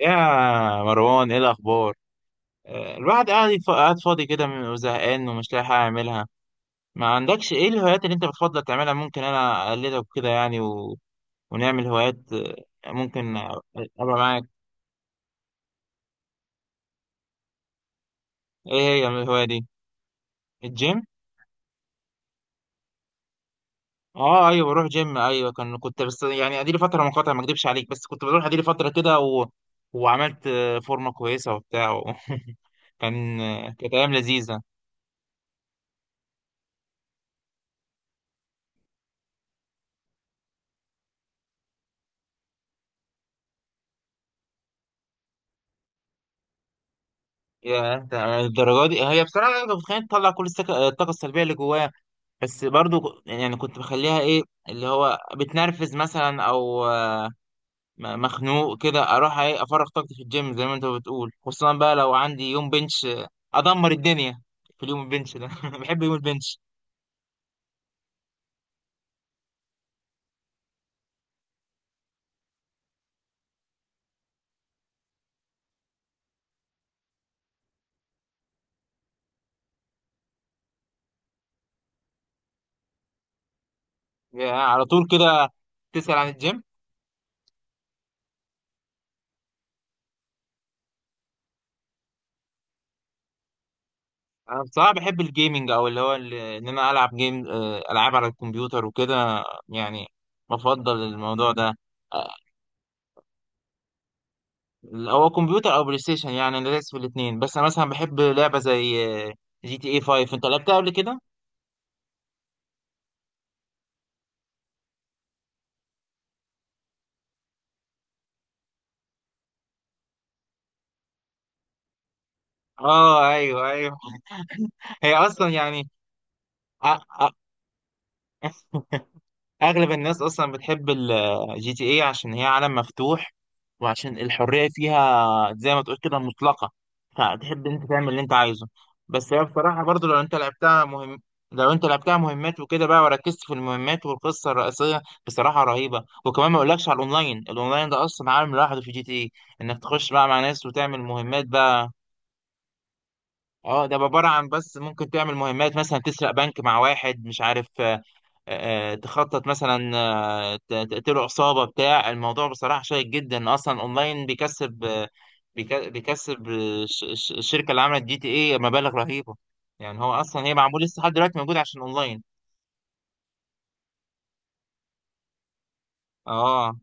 يا مروان ايه الاخبار؟ الواحد قاعد قاعد فاضي كده وزهقان ومش لاقي حاجه اعملها. ما عندكش ايه الهوايات اللي انت بتفضل تعملها؟ ممكن انا اقلدك كده يعني ونعمل هوايات، ممكن ابقى معاك. ايه هي الهوايه دي؟ الجيم؟ اه ايوه بروح جيم ايوه كنت بس يعني اديلي فتره منقطعه، ما اكدبش عليك، بس كنت بروح اديلي فتره كده وعملت فورمه كويسه وبتاع كانت ايام لذيذه. يا انت الدرجه دي، هي بصراحه انا كنت متخيل تطلع كل الطاقه السلبيه اللي جواها، بس برضو يعني كنت بخليها ايه، اللي هو بتنرفز مثلا او مخنوق كده اروح ايه افرغ طاقتي في الجيم زي ما انت بتقول، خصوصا بقى لو عندي يوم بنش، ادمر الدنيا في اليوم البنش ده بحب يوم البنش. يا على طول كده تسأل عن الجيم. انا بصراحه بحب الجيمنج او اللي هو ان انا العب جيم، العاب على الكمبيوتر وكده يعني. بفضل الموضوع ده. هو كمبيوتر او بلاي ستيشن، يعني انا دايس في الاثنين، بس انا مثلا بحب لعبه زي جي تي اي 5. انت لعبتها قبل كده؟ اه ايوه ايوه. هي اصلا يعني. أ- اغلب الناس اصلا بتحب الجي تي اي عشان هي عالم مفتوح، وعشان الحريه فيها زي ما تقول كده مطلقه، فتحب انت تعمل اللي انت عايزه. بس هي بصراحه برضو لو انت لعبتها مهم، لو انت لعبتها مهمات وكده بقى وركزت في المهمات، والقصه الرئيسيه بصراحه رهيبه. وكمان ما اقولكش على الاونلاين، الاونلاين ده اصلا عالم لوحده في جي تي اي، انك تخش بقى مع ناس وتعمل مهمات بقى. اه، ده عبارة عن بس ممكن تعمل مهمات مثلا تسرق بنك مع واحد مش عارف، تخطط مثلا، تقتله عصابة بتاع. الموضوع بصراحة شيق جدا. أصلا أونلاين بيكسب بيكسب الشركة اللي عملت جي تي إيه مبالغ رهيبة. يعني هو أصلا هي معمول لسه لحد دلوقتي موجود عشان أونلاين. اه.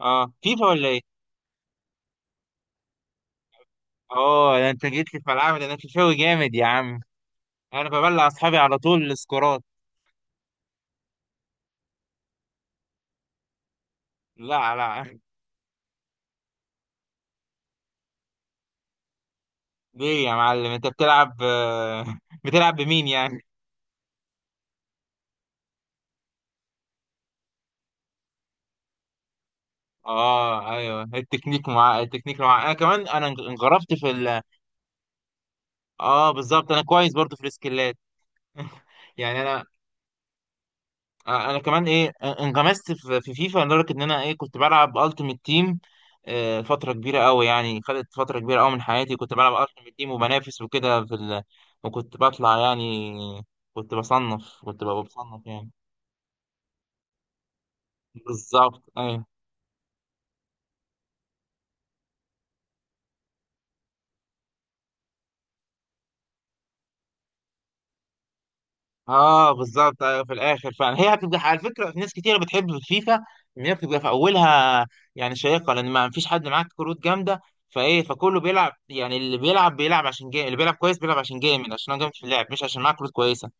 اه، فيفا ولا إيه؟ اه، ده أنت جيت لي في ملعبي. ده أنا فيفاوي جامد يا عم. أنا ببلع أصحابي على طول السكورات. لا لا. ليه يا معلم انت بتلعب بتلعب بمين يعني؟ اه ايوه التكنيك مع التكنيك مع، انا كمان انا انغرفت في ال. اه بالظبط، انا كويس برضو في السكيلات. يعني انا، كمان ايه انغمست في فيفا لدرجه ان انا ايه كنت بلعب التيمت تيم فتره كبيره قوي. يعني خدت فتره كبيره قوي من حياتي كنت بلعب التيمت تيم وبنافس وكده في وكنت بطلع يعني، كنت ببقى بصنف يعني. بالظبط ايوه. اه بالظبط ايوه، في الاخر فعلا هي هتبقى، على فكره ناس كتير بتحب في فيفا ان هي بتبقى في اولها، يعني شيقه لان ما فيش حد معاك كروت جامده، فايه فكله بيلعب يعني، اللي بيلعب بيلعب عشان جيم، اللي بيلعب كويس بيلعب عشان جامد، عشان هو جامد في اللعب مش عشان معاه كروت كويسه.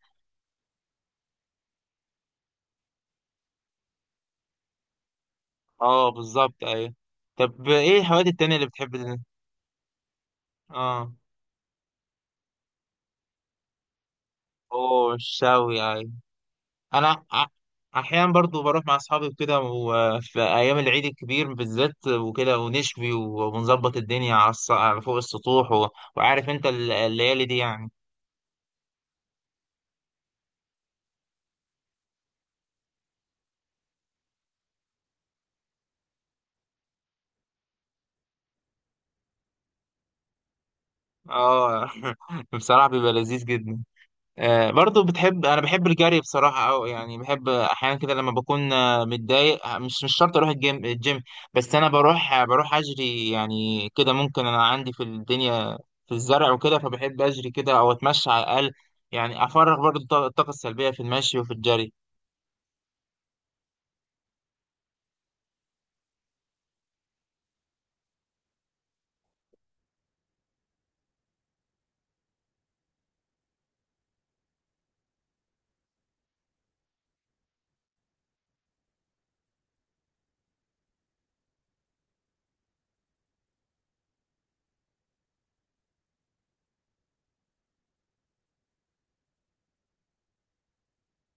اه بالظبط ايوه. طب ايه الهوايات التانيه اللي بتحب؟ اه. اوه الشوي ايوه. انا ع- احيانا برضو بروح مع اصحابي وكده، وفي ايام العيد الكبير بالذات وكده ونشوي ونظبط الدنيا على على فوق السطوح وعارف انت الليالي دي يعني. اه. بصراحة بيبقى لذيذ جدا. برضو بتحب، انا بحب الجري بصراحه، او يعني بحب احيانا كده لما بكون متضايق، مش مش شرط اروح الجيم بس انا بروح بروح اجري يعني كده. ممكن انا عندي في الدنيا، في الزرع وكده، فبحب اجري كده او اتمشى على الاقل، يعني افرغ برضو الطاقه السلبيه في المشي وفي الجري.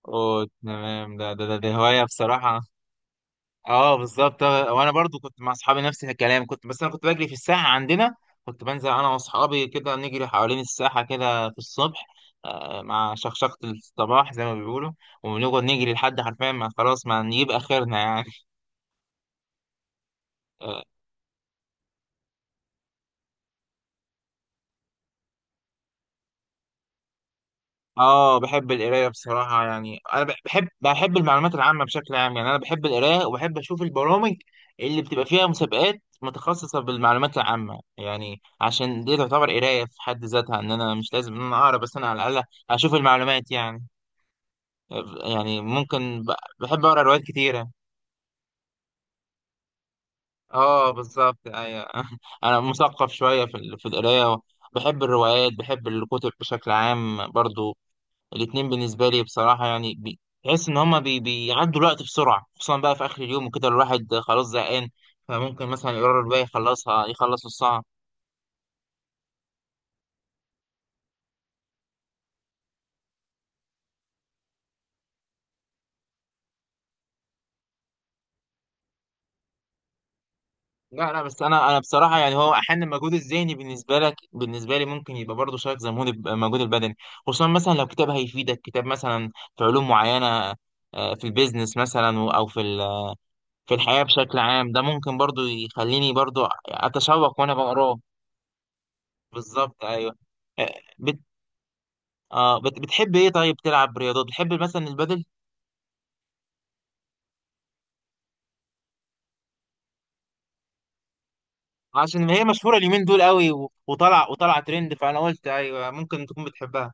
اوه تمام، ده ده هوايه بصراحه. اه بالظبط، وانا برضو كنت مع اصحابي نفس الكلام. كنت بس انا كنت بجري في الساحه عندنا، كنت بنزل انا واصحابي كده نجري حوالين الساحه كده في الصبح، مع شخشقه الصباح زي ما بيقولوا، ونقعد نجري لحد حرفيا ما خلاص ما نجيب اخرنا يعني. اه بحب القرايه بصراحه، يعني انا بحب المعلومات العامه بشكل عام، يعني انا بحب القرايه وبحب اشوف البرامج اللي بتبقى فيها مسابقات متخصصه بالمعلومات العامه، يعني عشان دي تعتبر قرايه في حد ذاتها، ان انا مش لازم ان انا اقرا بس انا على الاقل اشوف المعلومات يعني. يعني ممكن بحب اقرا روايات كتيره. اه بالظبط ايوه. انا مثقف شويه في في القرايه، بحب الروايات بحب الكتب بشكل عام برضو. الاتنين بالنسبة لي بصراحة يعني تحس إن هما بيعدوا الوقت بسرعة، خصوصا بقى في آخر اليوم وكده الواحد خلاص زهقان، فممكن مثلا يقرر بقى يخلصها يخلص الساعة. لا لا، بس أنا بصراحة يعني هو أحيانا المجهود الذهني بالنسبة لك، بالنسبة لي ممكن يبقى برضه شايف زي المجهود البدني، خصوصا مثلا لو كتاب هيفيدك، كتاب مثلا في علوم معينة، في البيزنس مثلا أو في في الحياة بشكل عام. ده ممكن برضه يخليني برضه أتشوق وأنا بقراه. بالظبط أيوه. آه، اه بتحب ايه طيب، تلعب رياضات بتحب مثلا البدل؟ عشان هي مشهورة اليومين دول قوي وطلع ترند، فانا قلت ايوه ممكن تكون بتحبها.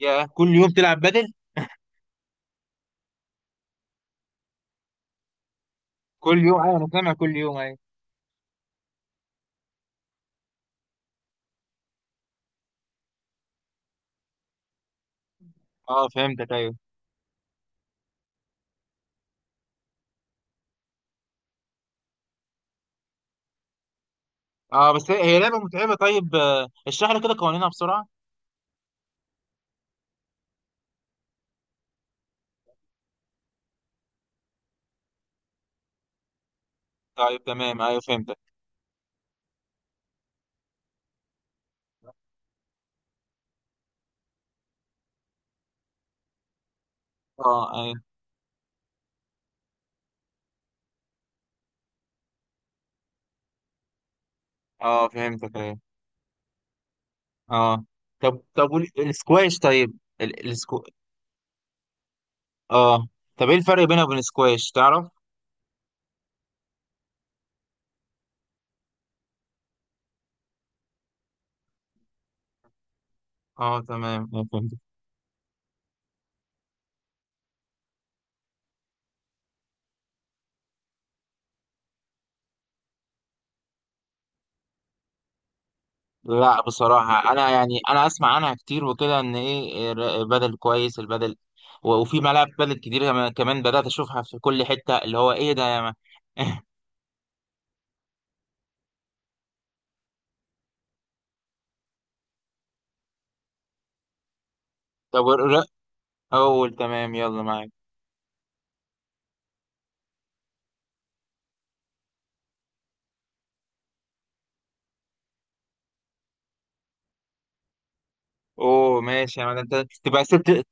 يا كل يوم تلعب بدل؟ كل يوم ايوه، انا سامع كل يوم ايوه. اه فهمتك ايوه. اه بس هي هي لعبة متعبة. طيب اشرح لي كده قوانينها بسرعة. طيب تمام ايوه فهمتك. اه ايوه. اه فهمتك ايوه. اه. طب السكواش طيب، السكو. اه، طب ايه الفرق بينها وبين السكواش تعرف؟ اه تمام، فهمتك. لا بصراحة أنا يعني أنا أسمع عنها كتير وكده، إن إيه بدل كويس البدل، وفي ملاعب بدل كتير كمان، كمان بدأت أشوفها في كل حتة، اللي هو إيه ده يا ما. طب الر- أول تمام يلا معاك. أوه ماشي يا ما، ده أنت تبقى كسبت،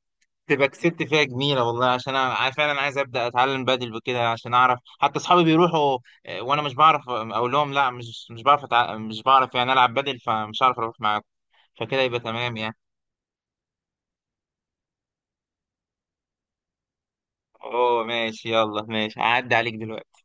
تبقى كسبت فيها جميلة والله، عشان فعلا عايز أبدأ أتعلم بدل وكده، عشان أعرف حتى أصحابي بيروحوا، وأنا مش بعرف أقول لهم لا، مش مش بعرف مش بعرف يعني ألعب بدل فمش عارف أروح معاكم. فكده يبقى تمام يعني. أوه ماشي يلا ماشي هعدي عليك دلوقتي.